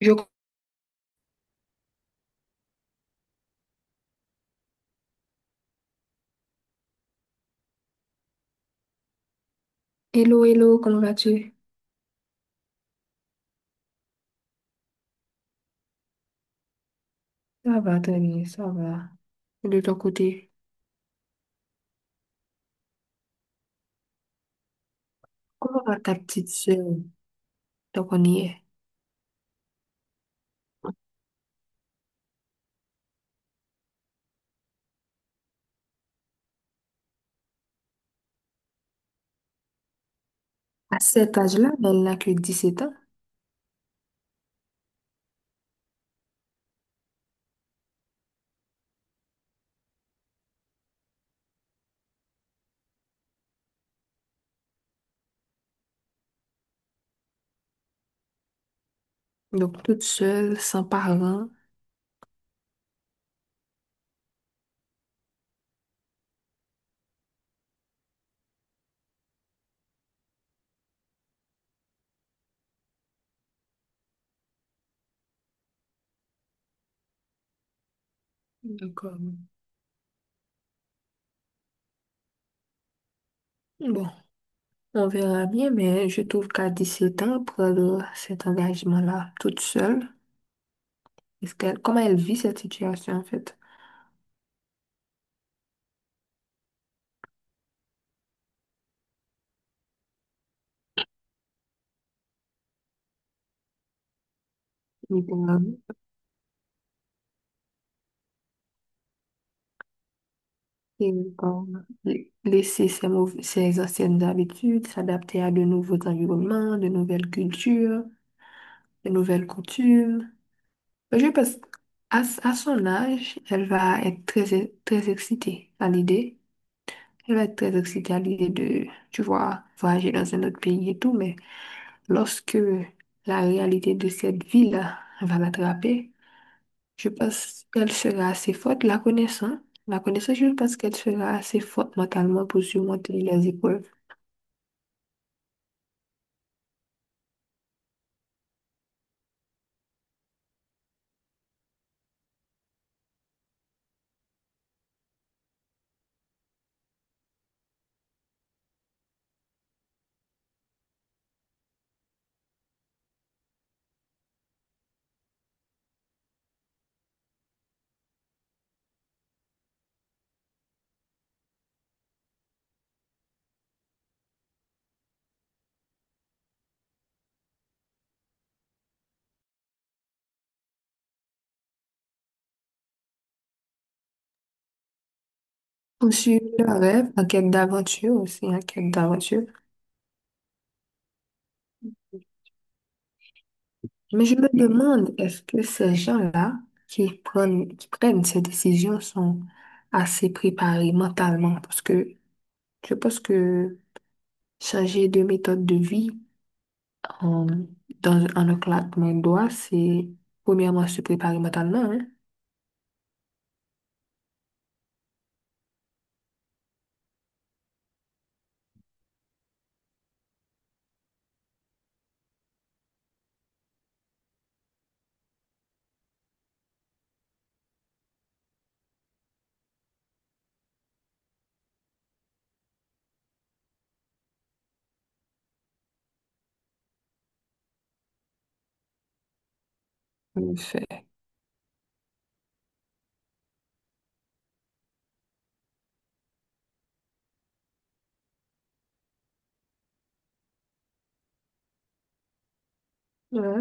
Je... Hello, hello, comment vas-tu? Ça va, Tony, ça va. Et de ton côté, comment va ta petite sœur? Donc, on y est. À cet âge-là, elle n'a que 17 ans. Donc, toute seule, sans parents. Donc, bon, on verra bien, mais je trouve qu'à 17 ans, prendre cet engagement-là, toute seule, comment elle vit cette situation, en fait? Littéralement. Et, euh, laisser ses anciennes habitudes, s'adapter à de nouveaux environnements, de nouvelles cultures, de nouvelles coutumes. Je pense à son âge, elle va être très excitée à l'idée. Elle va être très excitée à l'idée de, tu vois, voyager dans un autre pays et tout, mais lorsque la réalité de cette ville-là va l'attraper, je pense qu'elle sera assez forte, la connaissant. La connaissant, je pense qu'elle sera assez forte mentalement pour surmonter les épreuves. Poursuivre le rêve, en quête d'aventure aussi, en quête d'aventure. Mais je me demande, est-ce que ces gens-là qui prennent ces décisions sont assez préparés mentalement? Parce que je pense que changer de méthode de vie en, en un claquement de doigts, c'est premièrement se préparer mentalement, hein? En effet. Ouais,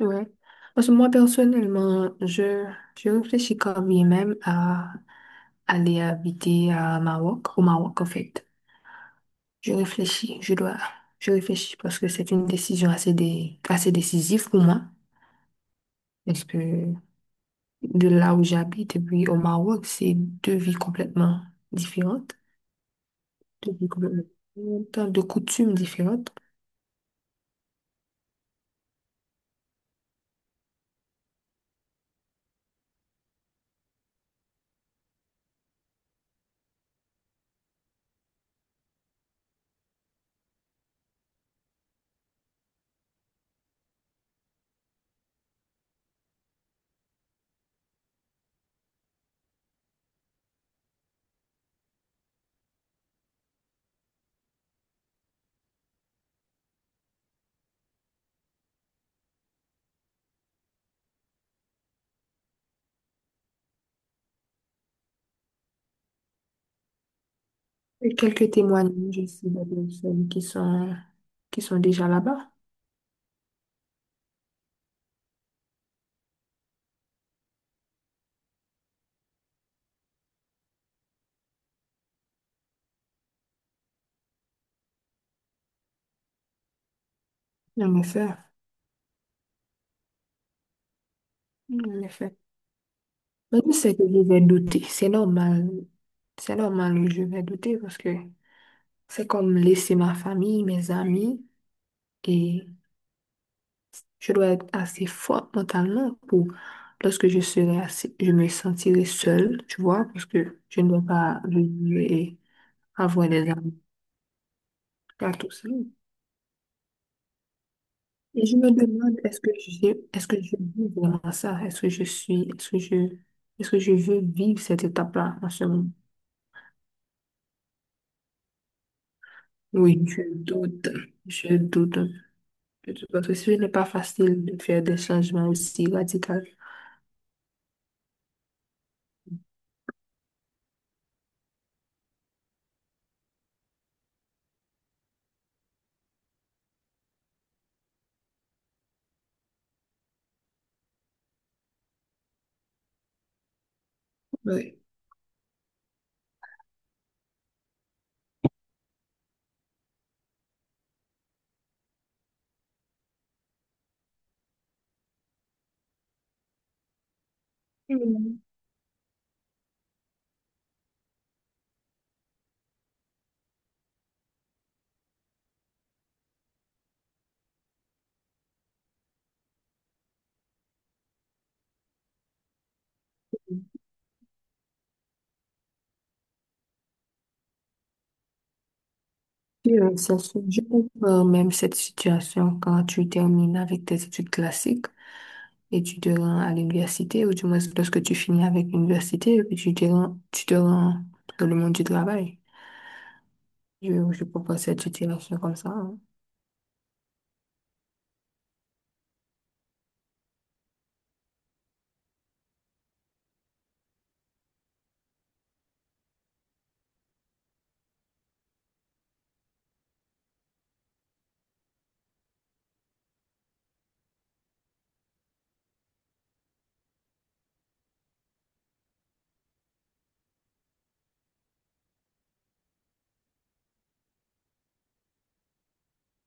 ouais. Parce que moi, personnellement, je réfléchis quand bien même à aller habiter à Maroc, au Maroc, en fait. Je réfléchis, je dois, je réfléchis parce que c'est une décision assez assez décisive pour moi. Parce que de là où j'habite et puis au Maroc, c'est deux vies complètement différentes, deux vies complètement différentes, de coutumes différentes. Et quelques témoignages aussi de personnes qui sont déjà là-bas. En effet, en effet. Mais je sais que je vais douter, c'est normal, je vais douter parce que c'est comme laisser ma famille, mes amis. Et je dois être assez forte mentalement pour, lorsque je me sentirai seule, tu vois, parce que je ne dois pas venir et avoir des amis à tout seul. Et je me demande, est-ce que je vis vraiment ça? Est-ce que je suis, est-ce que je veux vivre cette étape-là en ce moment? Oui, je doute un peu, parce que ce n'est pas facile de faire des changements aussi radicaux. Oui. Oui, oui, ça se joue même cette situation quand tu termines avec tes études classiques et tu te rends à l'université, ou du moins lorsque tu finis avec l'université et puis tu te rends dans le monde du travail. Je propose cette situation comme ça, hein.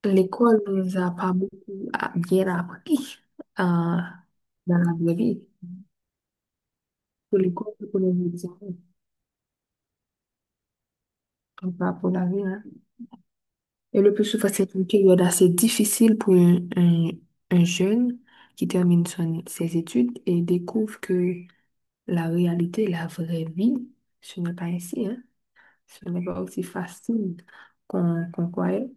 L'école nous a pas beaucoup bien appris euh, dans la vraie vie. Pour l'école, c'est pour les examens, mais pas pour la vie, hein. Et le plus souvent, c'est une période assez difficile pour un jeune qui termine ses études et découvre que la réalité, la vraie vie, ce n'est pas ainsi, hein. Ce n'est pas aussi facile qu'on croyait.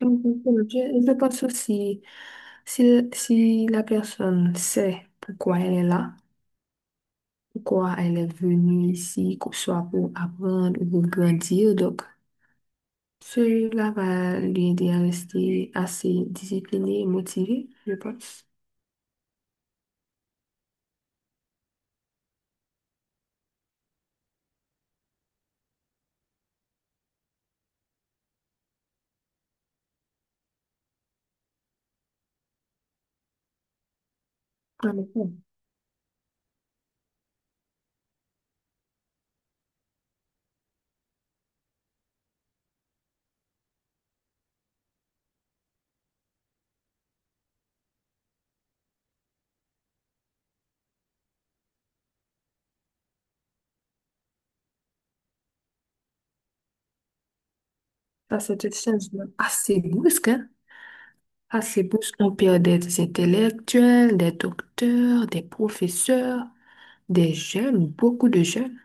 Donc, je pense aussi, si la personne sait pourquoi elle est là, pourquoi elle est venue ici, que ce soit pour apprendre ou pour grandir, donc celui-là va lui aider à rester assez discipliné et motivé, je pense. Ah mais bon, que c'est un changement assez brusque, hein. Assez brusque. On perd des intellectuels, des docteurs, des professeurs, des jeunes, beaucoup de jeunes.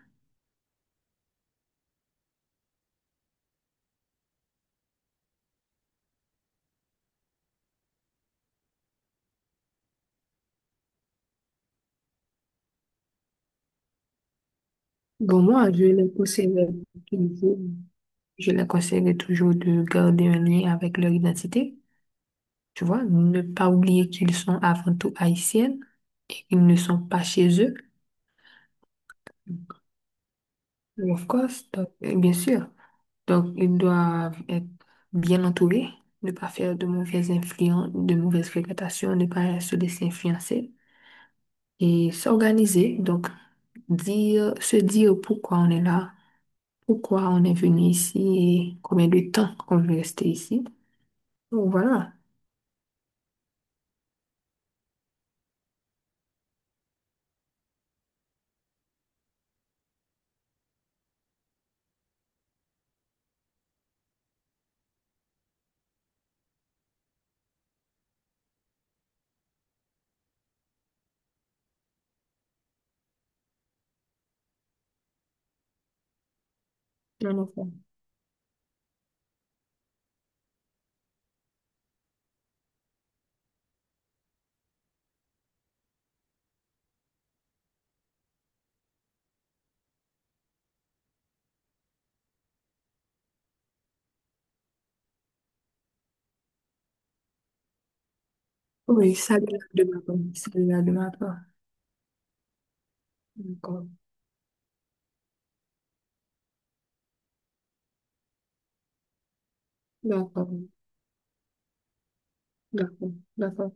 Bon, moi, je les conseillerais toujours, je les conseillerais toujours de garder un lien avec leur identité. Tu vois, ne pas oublier qu'ils sont avant tout haïtiennes et qu'ils ne sont pas chez eux. Of course, donc, bien sûr. Donc, ils doivent être bien entourés, ne pas faire de mauvaises influences, de mauvaises fréquentations, ne pas se laisser influencer et s'organiser. Donc, se dire pourquoi on est là, pourquoi on est venu ici et combien de temps qu'on veut rester ici. Donc, voilà. Bien au fond. Oui, ça de ma part. Ça de ma part. D'accord. D'accord. D'accord. D'accord.